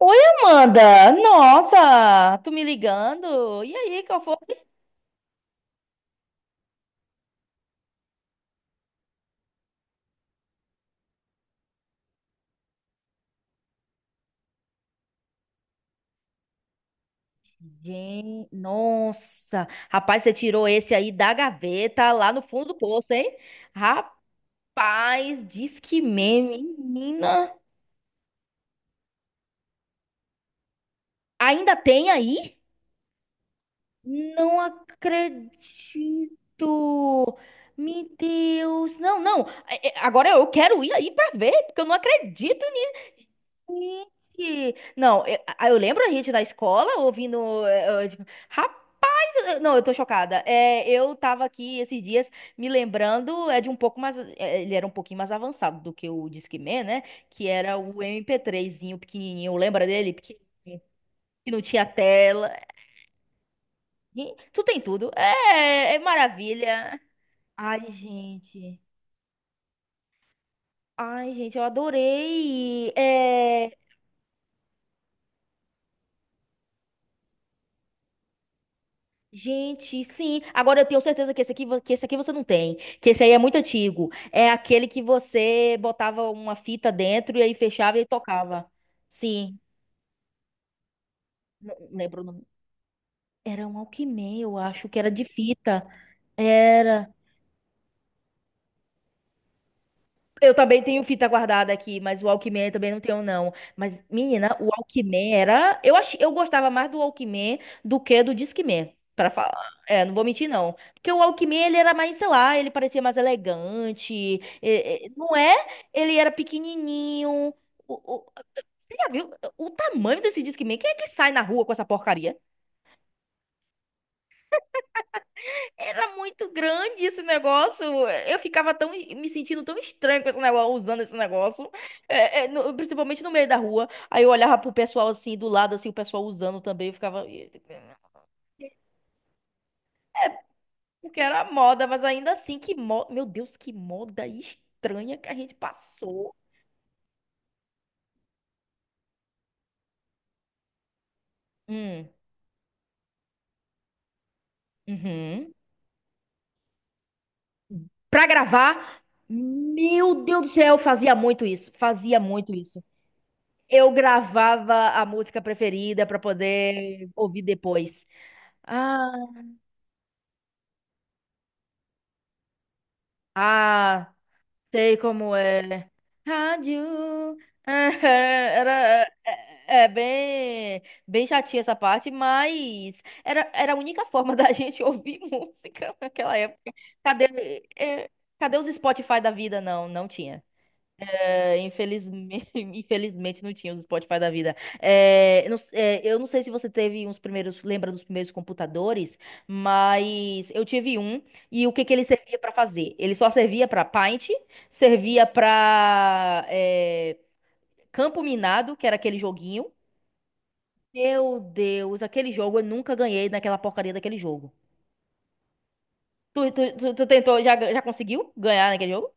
Oi, Amanda! Nossa, tu me ligando? E aí, qual foi? Gente, nossa! Rapaz, você tirou esse aí da gaveta lá no fundo do poço, hein? Rapaz, diz que meme, menina. Ainda tem aí? Não acredito! Meu Deus! Não, não! Agora eu quero ir aí pra ver, porque eu não acredito nisso! Gente, não, eu lembro a gente na escola ouvindo. Tipo, não, eu tô chocada. É, eu tava aqui esses dias me lembrando, é de um pouco mais, é, ele era um pouquinho mais avançado do que o Discman, né? Que era o MP3zinho pequenininho, lembra dele? Que não tinha tela. E tu tem tudo. É, é maravilha. Ai, gente. Ai, gente, eu adorei. É, gente, sim. Agora eu tenho certeza que esse aqui, que esse aqui você não tem, que esse aí é muito antigo. É aquele que você botava uma fita dentro e aí fechava e tocava. Sim, não lembro o nome. Era um Walkman, eu acho que era de fita. Era. Eu também tenho fita guardada aqui, mas o Walkman eu também não tenho, não. Mas, menina, o Walkman era. Eu gostava mais do Walkman do que do Discman, pra falar. É, não vou mentir, não. Porque o Walkman, ele era mais, sei lá, ele parecia mais elegante. Não é? Ele era pequenininho. O, o- Você já viu o tamanho desse Discman? Quem é que sai na rua com essa porcaria? Era muito grande esse negócio. Eu ficava tão me sentindo tão estranho com esse negócio, usando esse negócio, principalmente no meio da rua. Aí eu olhava pro pessoal assim do lado, assim o pessoal usando também, eu ficava porque era moda, mas ainda assim que moda, meu Deus, que moda estranha que a gente passou. Hum, uhum. Pra gravar, meu Deus do céu, eu fazia muito isso, fazia muito isso. Eu gravava a música preferida pra poder ouvir depois. Ah, ah, sei como é. Rádio. Aham, era, é, é bem, bem chatinha essa parte, mas era, era a única forma da gente ouvir música naquela época. Cadê, é, Cadê os Spotify da vida? Não, não tinha. É, infelizmente, infelizmente não tinha os Spotify da vida. Eu não sei se você teve uns primeiros, lembra dos primeiros computadores, mas eu tive um e o que que ele servia para fazer? Ele só servia para Paint, servia para Campo Minado, que era aquele joguinho. Meu Deus, aquele jogo eu nunca ganhei naquela porcaria daquele jogo. Tu tentou, já conseguiu ganhar naquele jogo?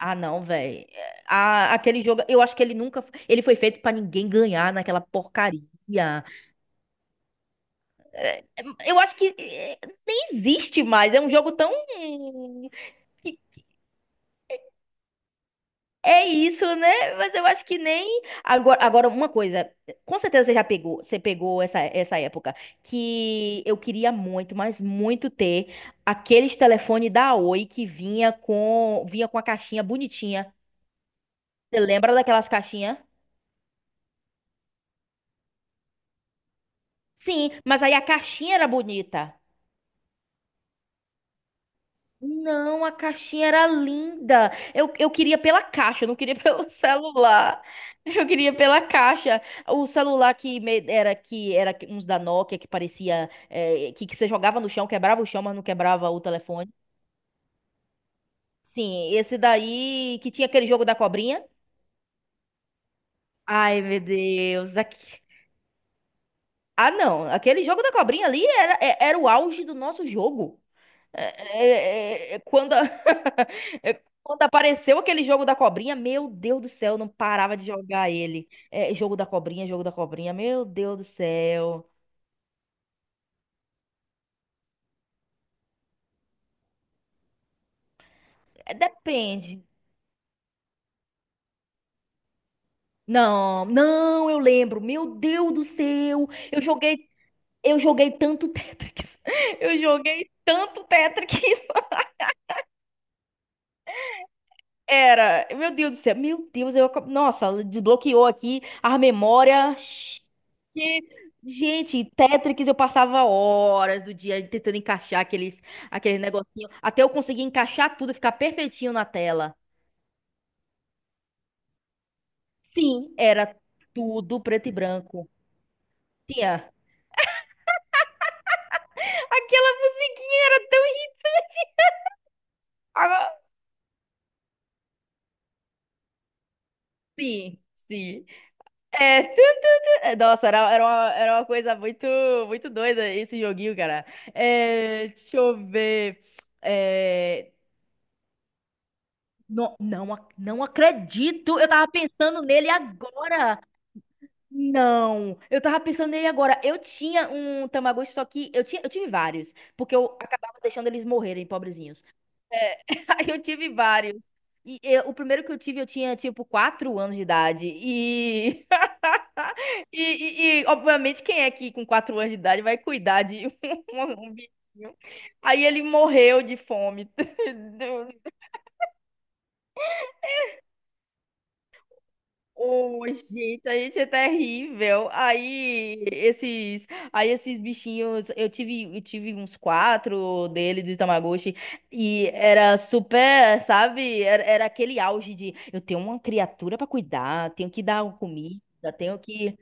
Ah, não, velho. Aquele jogo, eu acho que ele nunca. Ele foi feito pra ninguém ganhar naquela porcaria. É, Eu acho que é, nem existe mais. É um jogo tão. Que É isso, né? Mas eu acho que nem. Agora, agora uma coisa. Com certeza você já pegou. Você pegou essa, essa época. Que eu queria muito, mas muito ter aqueles telefones da Oi que vinha com a caixinha bonitinha. Você lembra daquelas caixinhas? Sim, mas aí a caixinha era bonita. Não, a caixinha era linda. Eu queria pela caixa, eu não queria pelo celular. Eu queria pela caixa. O celular era que era uns da Nokia que parecia que você jogava no chão, quebrava o chão, mas não quebrava o telefone. Sim, esse daí que tinha aquele jogo da cobrinha. Ai, meu Deus. Ah, não. Aquele jogo da cobrinha ali era, era o auge do nosso jogo. É, Quando, é, quando apareceu aquele jogo da cobrinha, meu Deus do céu, eu não parava de jogar ele. É, jogo da cobrinha, meu Deus do céu. É, depende. Não, não, eu lembro. Meu Deus do céu, eu joguei tanto Tetris. Eu joguei tanto Tetris. Era, meu Deus do céu, meu Deus, nossa, desbloqueou aqui a memória. Che- Gente, Tetris eu passava horas do dia tentando encaixar aquele negocinho, até eu conseguir encaixar tudo, ficar perfeitinho na tela. Sim, era tudo preto e branco. Tinha. Aquela musiquinha era tão ah, sim, sim. É, tu, tu, Nossa, era uma coisa muito doida esse joguinho, cara. É, deixa eu ver. É, não, não acredito. Eu tava pensando nele agora. Não, eu tava pensando nele agora. Eu tinha um Tamagotchi, só que eu tive vários, porque eu acabava deixando eles morrerem, pobrezinhos. É, aí eu tive vários. O primeiro que eu tive, eu tinha tipo 4 anos de idade. Obviamente, quem é que com quatro anos de idade vai cuidar de um, um bichinho? Aí ele morreu de fome. Oh, gente, a gente é terrível. Aí esses bichinhos, eu tive uns quatro deles de Tamagotchi e era super, sabe? Era aquele auge de eu tenho uma criatura pra cuidar, tenho que dar comida, tenho que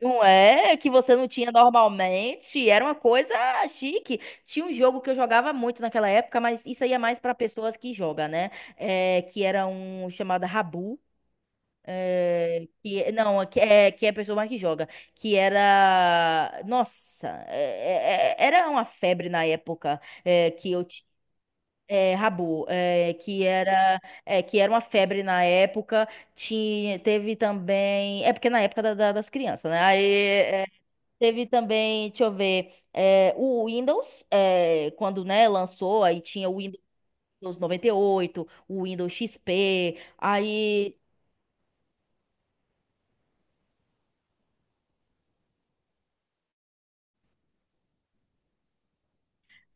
não é que você não tinha normalmente, era uma coisa chique. Tinha um jogo que eu jogava muito naquela época, mas isso aí é mais para pessoas que jogam, né? É, que era um chamado Rabu. É, que não que é que É a pessoa mais que joga, que era nossa é- é- é- era uma febre na época, é, que eu ti- é, Rabu, é, que era uma febre na época. Tinha teve também É porque na época das crianças, né? Teve também, deixa eu ver, é, o Windows, é, quando, né, lançou, aí tinha o Windows 98, o Windows XP, aí,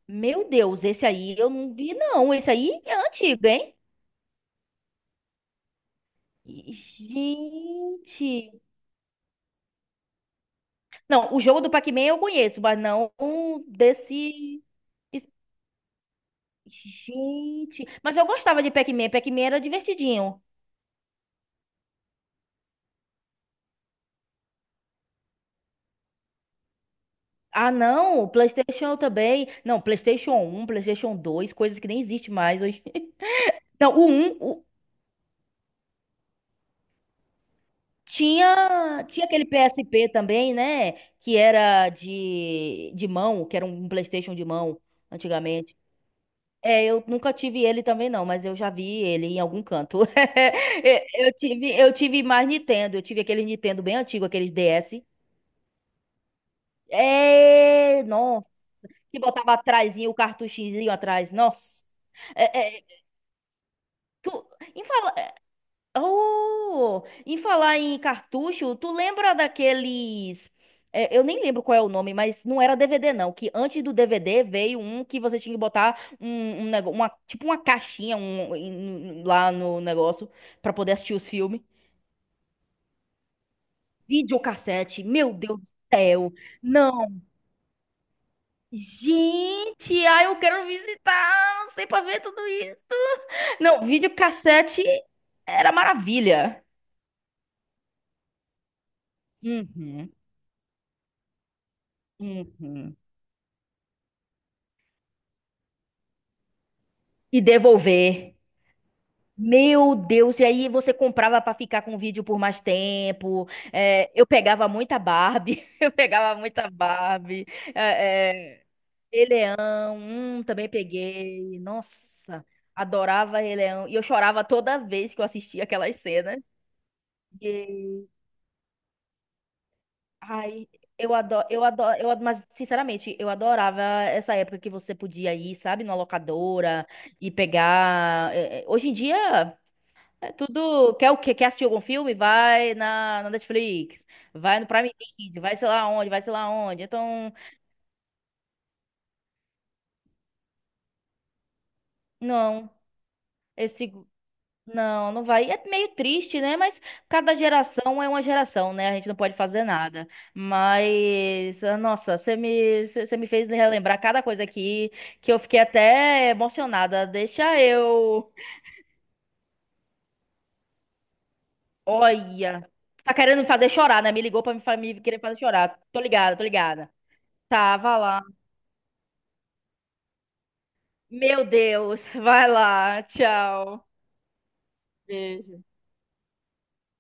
meu Deus, esse aí eu não vi, não, esse aí é antigo, hein? Gente... Não, o jogo do Pac-Man eu conheço, mas não desse... es- Gente... Mas eu gostava de Pac-Man, Pac-Man era divertidinho. Ah, não, o PlayStation eu também. Não, PlayStation um, PlayStation dois, coisas que nem existe mais hoje. Não, o um o- Tinha, tinha aquele PSP também, né? Que era de mão, que era um PlayStation de mão, antigamente. É, eu nunca tive ele também, não, mas eu já vi ele em algum canto. Eu tive, eu tive mais Nintendo, eu tive aquele Nintendo bem antigo, aqueles DS. É, nossa, que botava atrás o cartuchinho atrás, nossa. É, é, tu, Oh, em falar em cartucho, tu lembra daqueles. É, eu nem lembro qual é o nome, mas não era DVD, não. Que antes do DVD veio um que você tinha que botar tipo uma caixinha, lá no negócio pra poder assistir os filmes. Videocassete, meu Deus do céu. Não. Gente, ai, eu quero visitar, sei pra ver tudo isso. Não, videocassete era maravilha. Uhum, uhum. E devolver. Meu Deus, e aí você comprava pra ficar com o vídeo por mais tempo. É, eu pegava muita Barbie, eu pegava muita Barbie. É, é, Rei Leão, também peguei. Nossa, adorava Rei Leão. E eu chorava toda vez que eu assistia aquelas cenas. E, ai, eu adoro, eu adoro, eu, ad- mas sinceramente, eu adorava essa época que você podia ir, sabe, numa locadora e pegar. Hoje em dia. É tudo. Quer o quê? Quer assistir algum filme? Vai na, na Netflix. Vai no Prime Video. Vai sei lá onde, vai sei lá onde. Então, não. Esse. Não, não vai. É meio triste, né? Mas cada geração é uma geração, né? A gente não pode fazer nada. Mas, ah, nossa, você me fez relembrar cada coisa aqui que eu fiquei até emocionada. Deixa eu. Olha. Tá querendo me fazer chorar, né? Me ligou pra me querer fazer chorar. Tô ligada, tô ligada. Tava lá. Meu Deus, vai lá, tchau. Beijo.